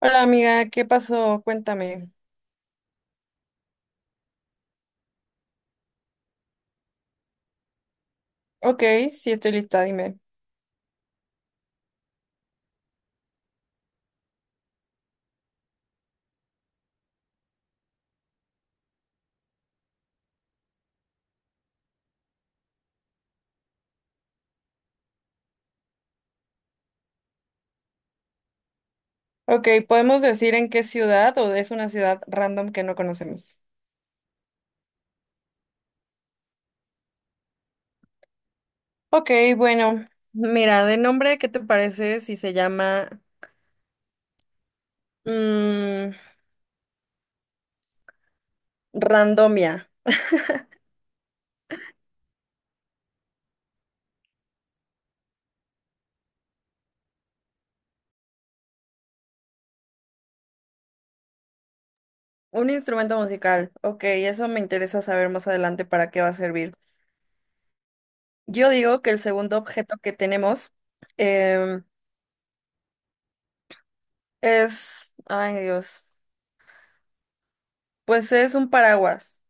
Hola amiga, ¿qué pasó? Cuéntame. Ok, sí estoy lista, dime. Ok, ¿podemos decir en qué ciudad o es una ciudad random que no conocemos? Ok, bueno, mira, de nombre, ¿qué te parece si se llama mm, randomia? Un instrumento musical. Ok, eso me interesa saber más adelante para qué va a servir. Yo digo que el segundo objeto que tenemos em, es, ay Dios, pues es un paraguas.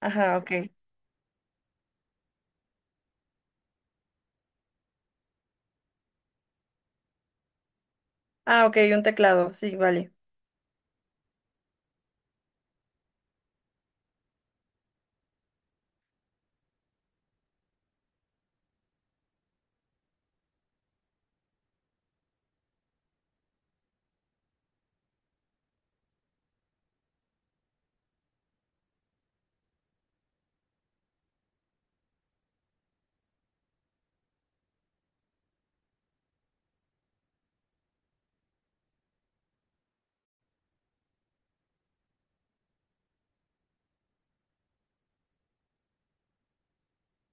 Ajá, ok. Ah, ok, un teclado, sí, vale.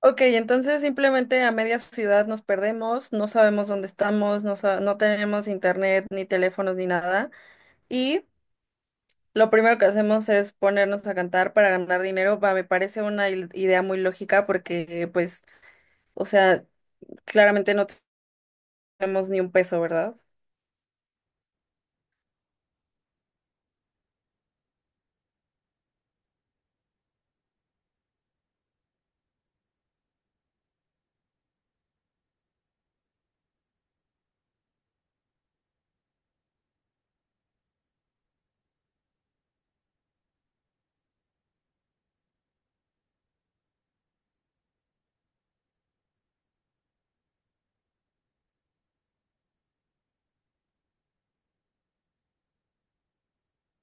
Ok, entonces simplemente a media ciudad nos perdemos, no sabemos dónde estamos, no, no tenemos internet, ni teléfonos, ni nada. Y lo primero que hacemos es ponernos a cantar para ganar dinero. Va, me parece una idea muy lógica porque, pues, o sea, claramente no tenemos ni un peso, ¿verdad?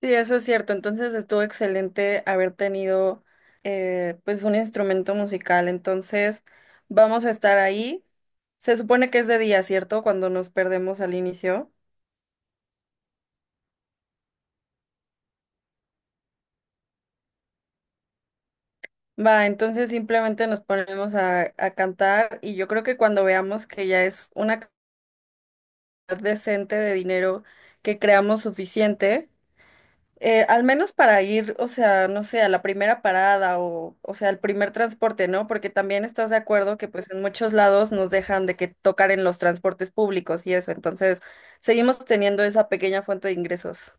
Sí, eso es cierto. Entonces estuvo excelente haber tenido, pues, un instrumento musical. Entonces, vamos a estar ahí. Se supone que es de día, ¿cierto? Cuando nos perdemos al inicio. Va, entonces simplemente nos ponemos a cantar y yo creo que cuando veamos que ya es una cantidad decente de dinero que creamos suficiente, al menos para ir, o sea, no sé, a la primera parada o sea, al primer transporte, ¿no? Porque también estás de acuerdo que pues en muchos lados nos dejan de que tocar en los transportes públicos y eso, entonces seguimos teniendo esa pequeña fuente de ingresos.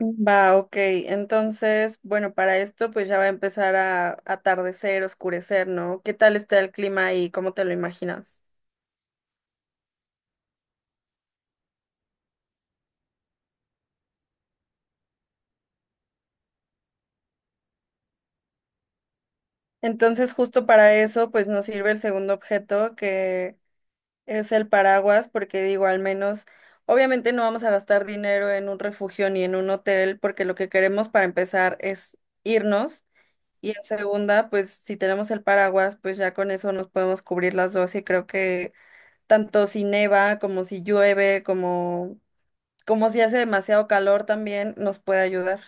Va, ok. Entonces, bueno, para esto pues ya va a empezar a atardecer, oscurecer, ¿no? ¿Qué tal está el clima ahí? ¿Cómo te lo imaginas? Entonces, justo para eso pues nos sirve el segundo objeto que es el paraguas, porque digo, al menos, obviamente no vamos a gastar dinero en un refugio ni en un hotel, porque lo que queremos para empezar es irnos. Y en segunda, pues si tenemos el paraguas, pues ya con eso nos podemos cubrir las dos y creo que tanto si neva como si llueve, como si hace demasiado calor también nos puede ayudar.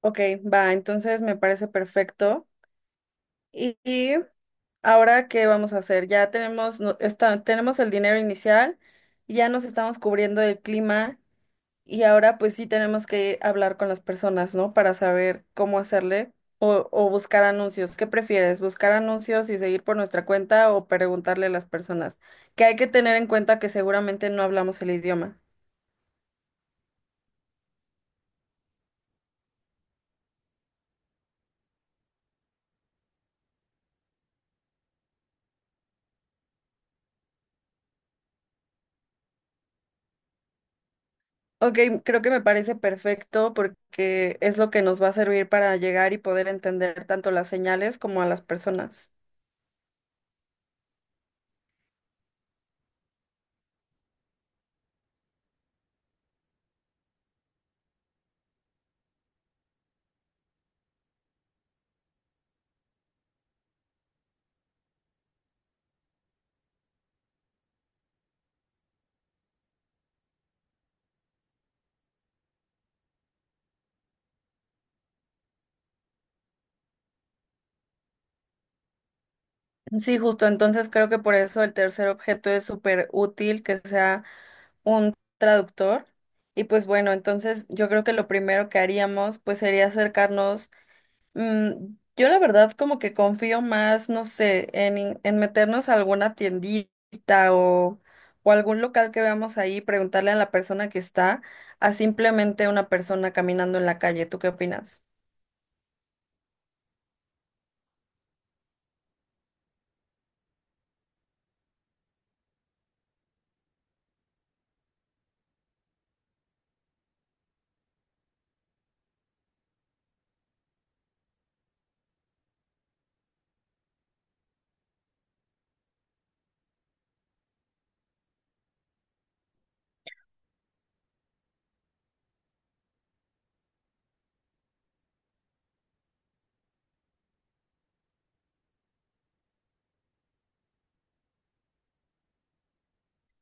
Ok, va, entonces me parece perfecto. Y ahora, ¿qué vamos a hacer? Ya tenemos, tenemos el dinero inicial, ya nos estamos cubriendo el clima. Y ahora pues sí tenemos que hablar con las personas, ¿no? Para saber cómo hacerle o buscar anuncios. ¿Qué prefieres? ¿Buscar anuncios y seguir por nuestra cuenta o preguntarle a las personas? Que hay que tener en cuenta que seguramente no hablamos el idioma. Ok, creo que me parece perfecto porque es lo que nos va a servir para llegar y poder entender tanto las señales como a las personas. Sí, justo. Entonces creo que por eso el tercer objeto es súper útil que sea un traductor. Y pues bueno, entonces yo creo que lo primero que haríamos pues sería acercarnos. Mm, yo la verdad como que confío más, no sé, en meternos a alguna tiendita o, o algún local que veamos ahí, preguntarle a la persona que está, a simplemente una persona caminando en la calle. ¿Tú qué opinas?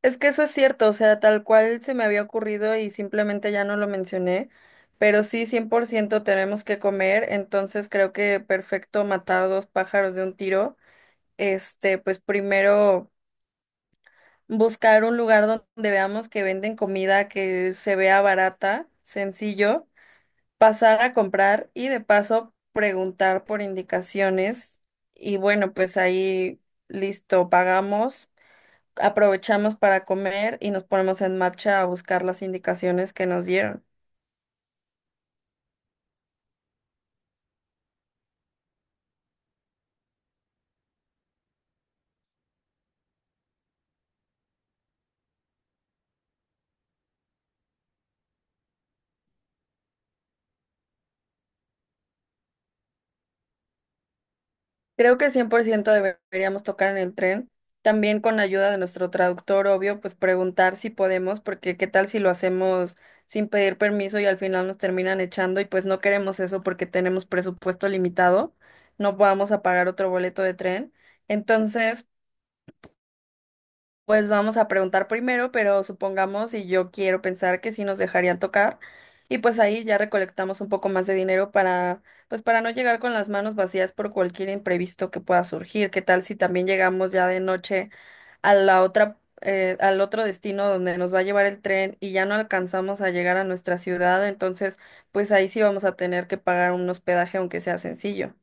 Es que eso es cierto, o sea, tal cual se me había ocurrido y simplemente ya no lo mencioné, pero sí, 100% tenemos que comer, entonces creo que perfecto matar dos pájaros de un tiro. Este, pues primero buscar un lugar donde veamos que venden comida que se vea barata, sencillo, pasar a comprar y de paso preguntar por indicaciones y bueno, pues ahí listo, pagamos. Aprovechamos para comer y nos ponemos en marcha a buscar las indicaciones que nos dieron. Creo que 100% deberíamos tocar en el tren. También con la ayuda de nuestro traductor, obvio, pues preguntar si podemos, porque qué tal si lo hacemos sin pedir permiso y al final nos terminan echando y pues no queremos eso porque tenemos presupuesto limitado, no vamos a pagar otro boleto de tren. Entonces, pues vamos a preguntar primero, pero supongamos, y yo quiero pensar que sí nos dejarían tocar, y pues ahí ya recolectamos un poco más de dinero para, pues para no llegar con las manos vacías por cualquier imprevisto que pueda surgir. ¿Qué tal si también llegamos ya de noche a la otra, al otro destino donde nos va a llevar el tren y ya no alcanzamos a llegar a nuestra ciudad? Entonces, pues ahí sí vamos a tener que pagar un hospedaje, aunque sea sencillo.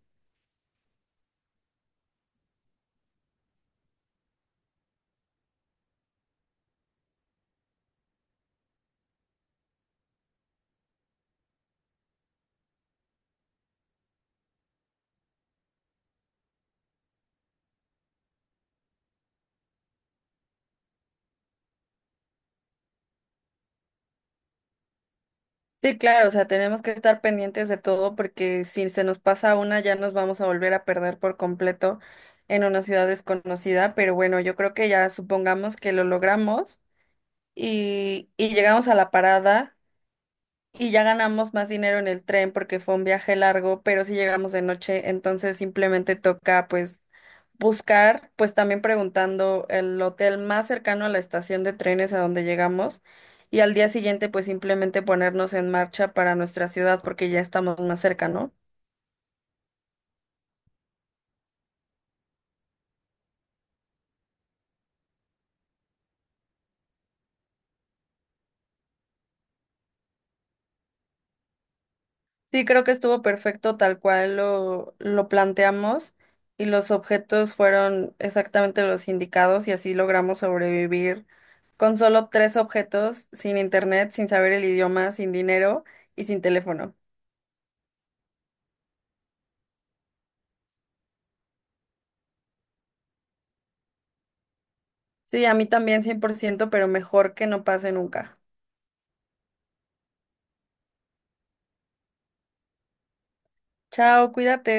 Sí, claro, o sea, tenemos que estar pendientes de todo porque si se nos pasa una ya nos vamos a volver a perder por completo en una ciudad desconocida, pero bueno, yo creo que ya supongamos que lo logramos y llegamos a la parada y ya ganamos más dinero en el tren porque fue un viaje largo, pero si llegamos de noche, entonces simplemente toca pues buscar, pues también preguntando el hotel más cercano a la estación de trenes a donde llegamos y al día siguiente pues simplemente ponernos en marcha para nuestra ciudad porque ya estamos más cerca, ¿no? Sí, creo que estuvo perfecto tal cual lo planteamos y los objetos fueron exactamente los indicados y así logramos sobrevivir con solo 3 objetos, sin internet, sin saber el idioma, sin dinero y sin teléfono. Sí, a mí también 100%, pero mejor que no pase nunca. Chao, cuídate.